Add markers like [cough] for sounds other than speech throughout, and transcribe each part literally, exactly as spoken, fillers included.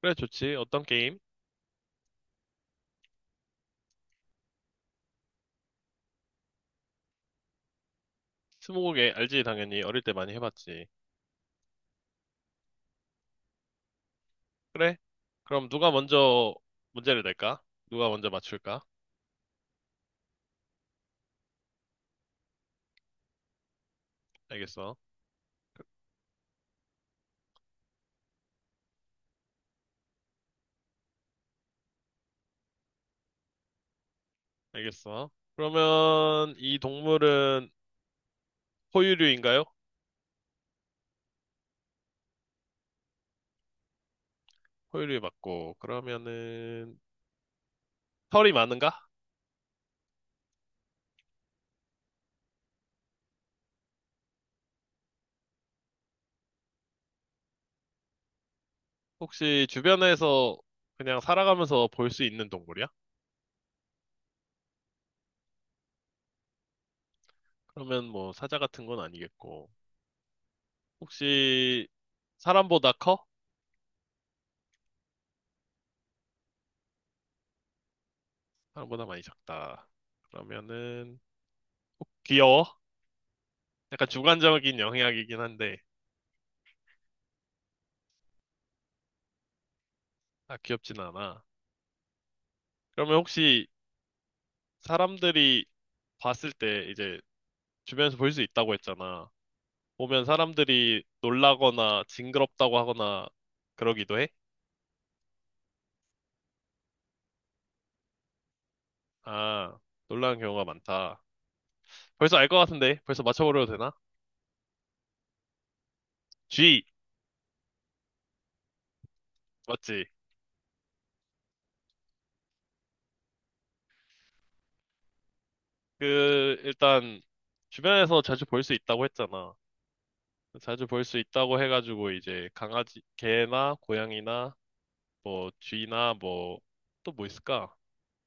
그래, 좋지. 어떤 게임? 스무고개 알지, 당연히. 어릴 때 많이 해봤지. 그래? 그럼 누가 먼저 문제를 낼까? 누가 먼저 맞출까? 알겠어. 알겠어. 그러면 이 동물은 포유류인가요? 포유류 맞고. 그러면은 털이 많은가? 혹시 주변에서 그냥 살아가면서 볼 수 있는 동물이야? 그러면 뭐 사자 같은 건 아니겠고. 혹시 사람보다 커? 사람보다 많이 작다. 그러면은 어, 귀여워? 약간 주관적인 영향이긴 한데, 아, 귀엽진 않아. 그러면 혹시 사람들이 봤을 때 이제 주변에서 볼 수 있다고 했잖아. 보면 사람들이 놀라거나 징그럽다고 하거나 그러기도 해? 아, 놀라는 경우가 많다. 벌써 알 것 같은데? 벌써 맞춰버려도 되나? G, 맞지? 그, 일단, 주변에서 자주 볼 수 있다고 했잖아. 자주 볼 수 있다고 해가지고 이제 강아지, 개나 고양이나 뭐 쥐나 뭐 또 뭐 있을까?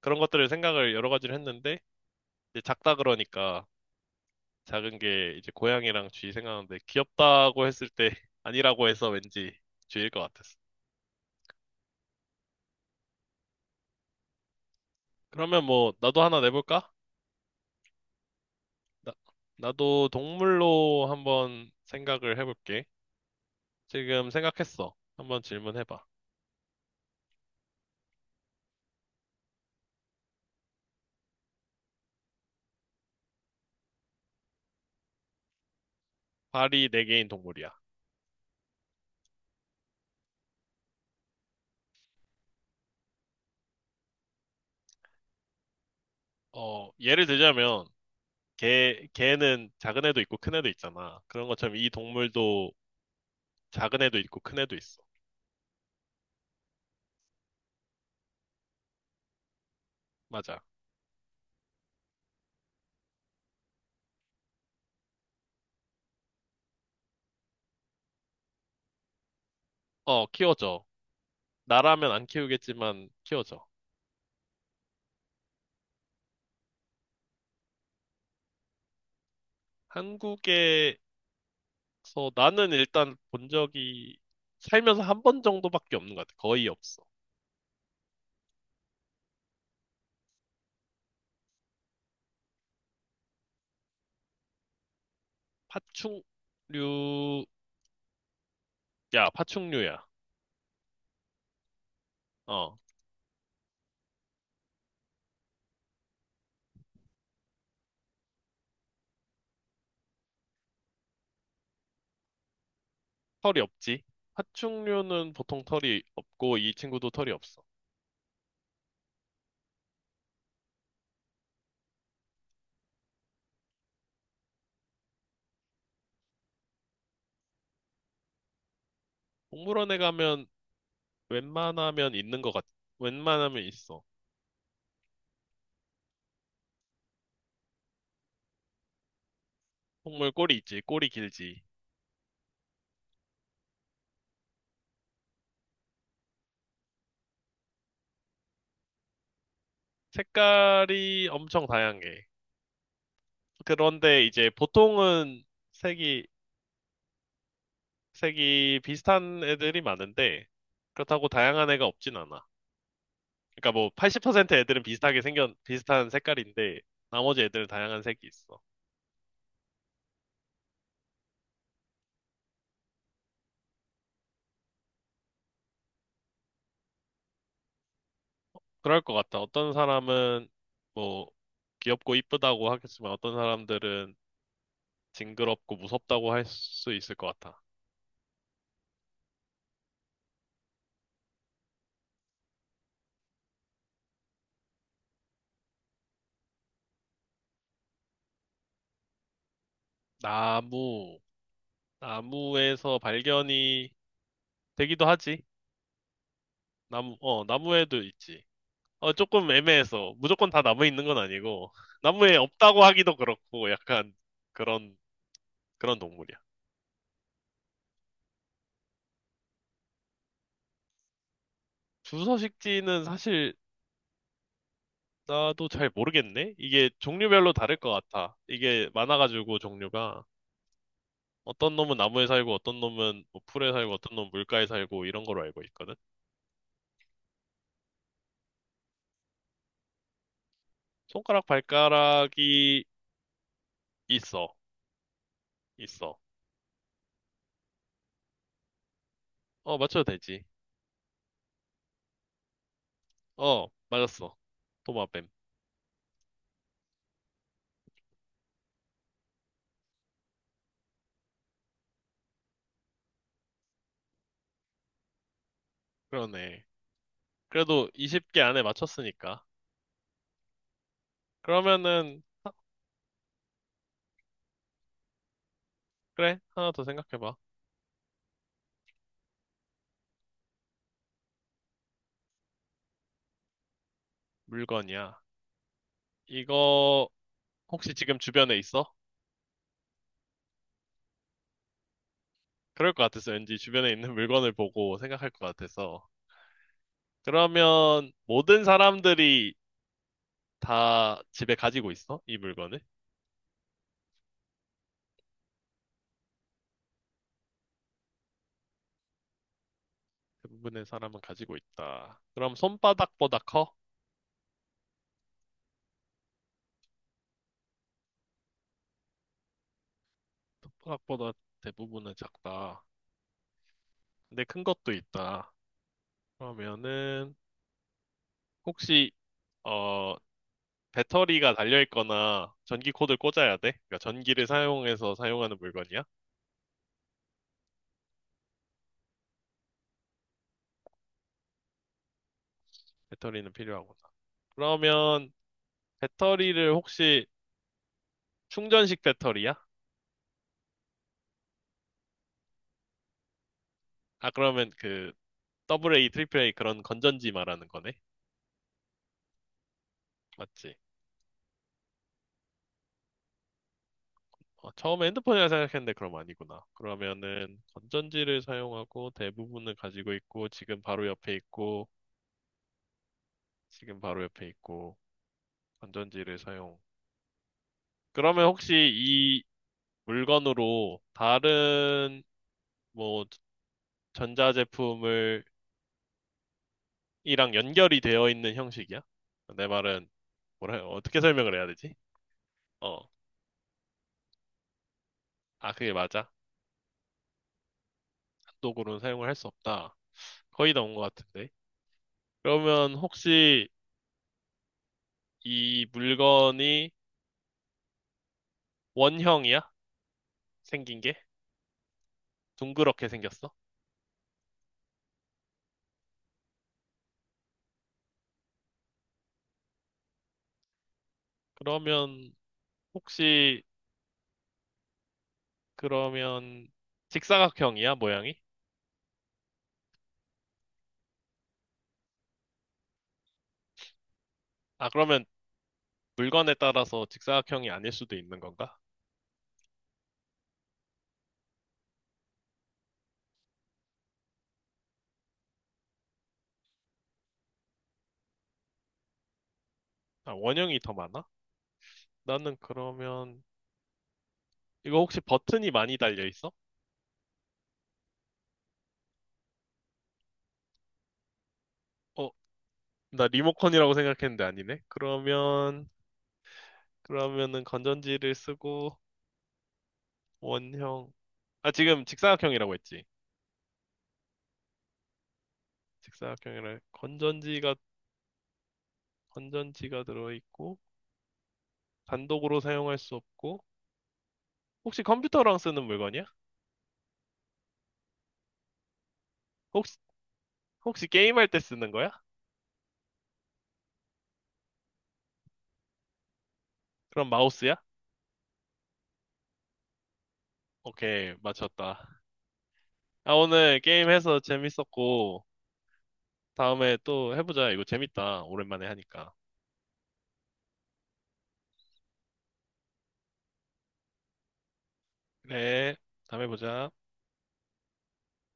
그런 것들을 생각을 여러 가지를 했는데 이제 작다 그러니까 작은 게 이제 고양이랑 쥐 생각하는데 귀엽다고 했을 때 [laughs] 아니라고 해서 왠지 쥐일 것 같았어. 그러면 뭐 나도 하나 내볼까? 나, 나도 동물로 한번 생각을 해볼게. 지금 생각했어. 한번 질문해봐. 발이 네 개인 동물이야. 어, 예를 들자면 개, 개는 작은 애도 있고 큰 애도 있잖아. 그런 것처럼 이 동물도 작은 애도 있고 큰 애도 있어. 맞아. 어, 키워져. 나라면 안 키우겠지만 키워져. 한국에서 나는 일단 본 적이 살면서 한 번 정도밖에 없는 것 같아. 거의 없어. 파충류, 야, 파충류야. 어, 털이 없지. 파충류는 보통 털이 없고 이 친구도 털이 없어. 동물원에 가면 웬만하면 있는 것 같아. 웬만하면 있어. 동물 꼬리 있지, 꼬리 길지. 색깔이 엄청 다양해. 그런데 이제 보통은 색이 색이 비슷한 애들이 많은데 그렇다고 다양한 애가 없진 않아. 그러니까 뭐 팔십 퍼센트 애들은 비슷하게 생겨 비슷한 색깔인데 나머지 애들은 다양한 색이 있어. 그럴 것 같아. 어떤 사람은 뭐 귀엽고 이쁘다고 하겠지만 어떤 사람들은 징그럽고 무섭다고 할 수 있을 것 같아. 나무 나무에서 발견이 되기도 하지. 나무 어 나무에도 있지. 어, 조금 애매해서 무조건 다 나무에 있는 건 아니고 나무에 없다고 하기도 그렇고 약간 그런 그런 동물이야. 주서식지는 사실 나도 잘 모르겠네. 이게 종류별로 다를 것 같아. 이게 많아가지고 종류가 어떤 놈은 나무에 살고 어떤 놈은 뭐 풀에 살고 어떤 놈은 물가에 살고 이런 걸로 알고 있거든. 손가락 발가락이 있어. 있어. 어, 맞춰도 되지. 어, 맞았어. 도마뱀. 그러네. 그래도 스무 개 안에 맞췄으니까. 그러면은 그래, 하나 더 생각해봐. 물건이야. 이거 혹시 지금 주변에 있어? 그럴 것 같았어. 왠지 주변에 있는 [laughs] 물건을 보고 생각할 것 같아서. 그러면 모든 사람들이 다 집에 가지고 있어? 이 물건을? 대부분의 사람은 가지고 있다. 그럼 손바닥보다 커? 손바닥보다 대부분은 작다. 근데 큰 것도 있다. 그러면은 혹시 어 배터리가 달려 있거나 전기 코드를 꽂아야 돼? 그러니까 전기를 사용해서 사용하는 물건이야? 배터리는 필요하구나. 그러면 배터리를 혹시 충전식 배터리야? 아, 그러면 그 에이에이, 에이에이에이 그런 건전지 말하는 거네? 맞지? 어, 처음에 핸드폰이라 생각했는데 그럼 아니구나. 그러면은 건전지를 사용하고 대부분은 가지고 있고 지금 바로 옆에 있고 지금 바로 옆에 있고 건전지를 사용. 그러면 혹시 이 물건으로 다른 뭐 전자제품을 이랑 연결이 되어 있는 형식이야? 내 말은 뭐라 어떻게 설명을 해야 되지? 어, 아 그게 맞아. 단독으로는 사용을 할 수 없다. 거의 다 온 것 같은데. 그러면 혹시 이 물건이 원형이야? 생긴 게? 둥그렇게 생겼어? 그러면 혹시 그러면 직사각형이야, 모양이? 아 그러면 물건에 따라서 직사각형이 아닐 수도 있는 건가? 아, 원형이 더 많아? 나는 그러면 이거 혹시 버튼이 많이 달려 있어? 어, 나 리모컨이라고 생각했는데 아니네. 그러면 그러면은 건전지를 쓰고 원형. 아, 지금 직사각형이라고 했지. 직사각형이라 건전지가 건전지가 들어 있고 단독으로 사용할 수 없고 혹시 컴퓨터랑 쓰는 물건이야? 혹시 혹시 게임할 때 쓰는 거야? 그럼 마우스야? 오케이, 맞췄다. 아, 오늘 게임해서 재밌었고 다음에 또 해보자. 이거 재밌다. 오랜만에 하니까. 네, 다음에 보자.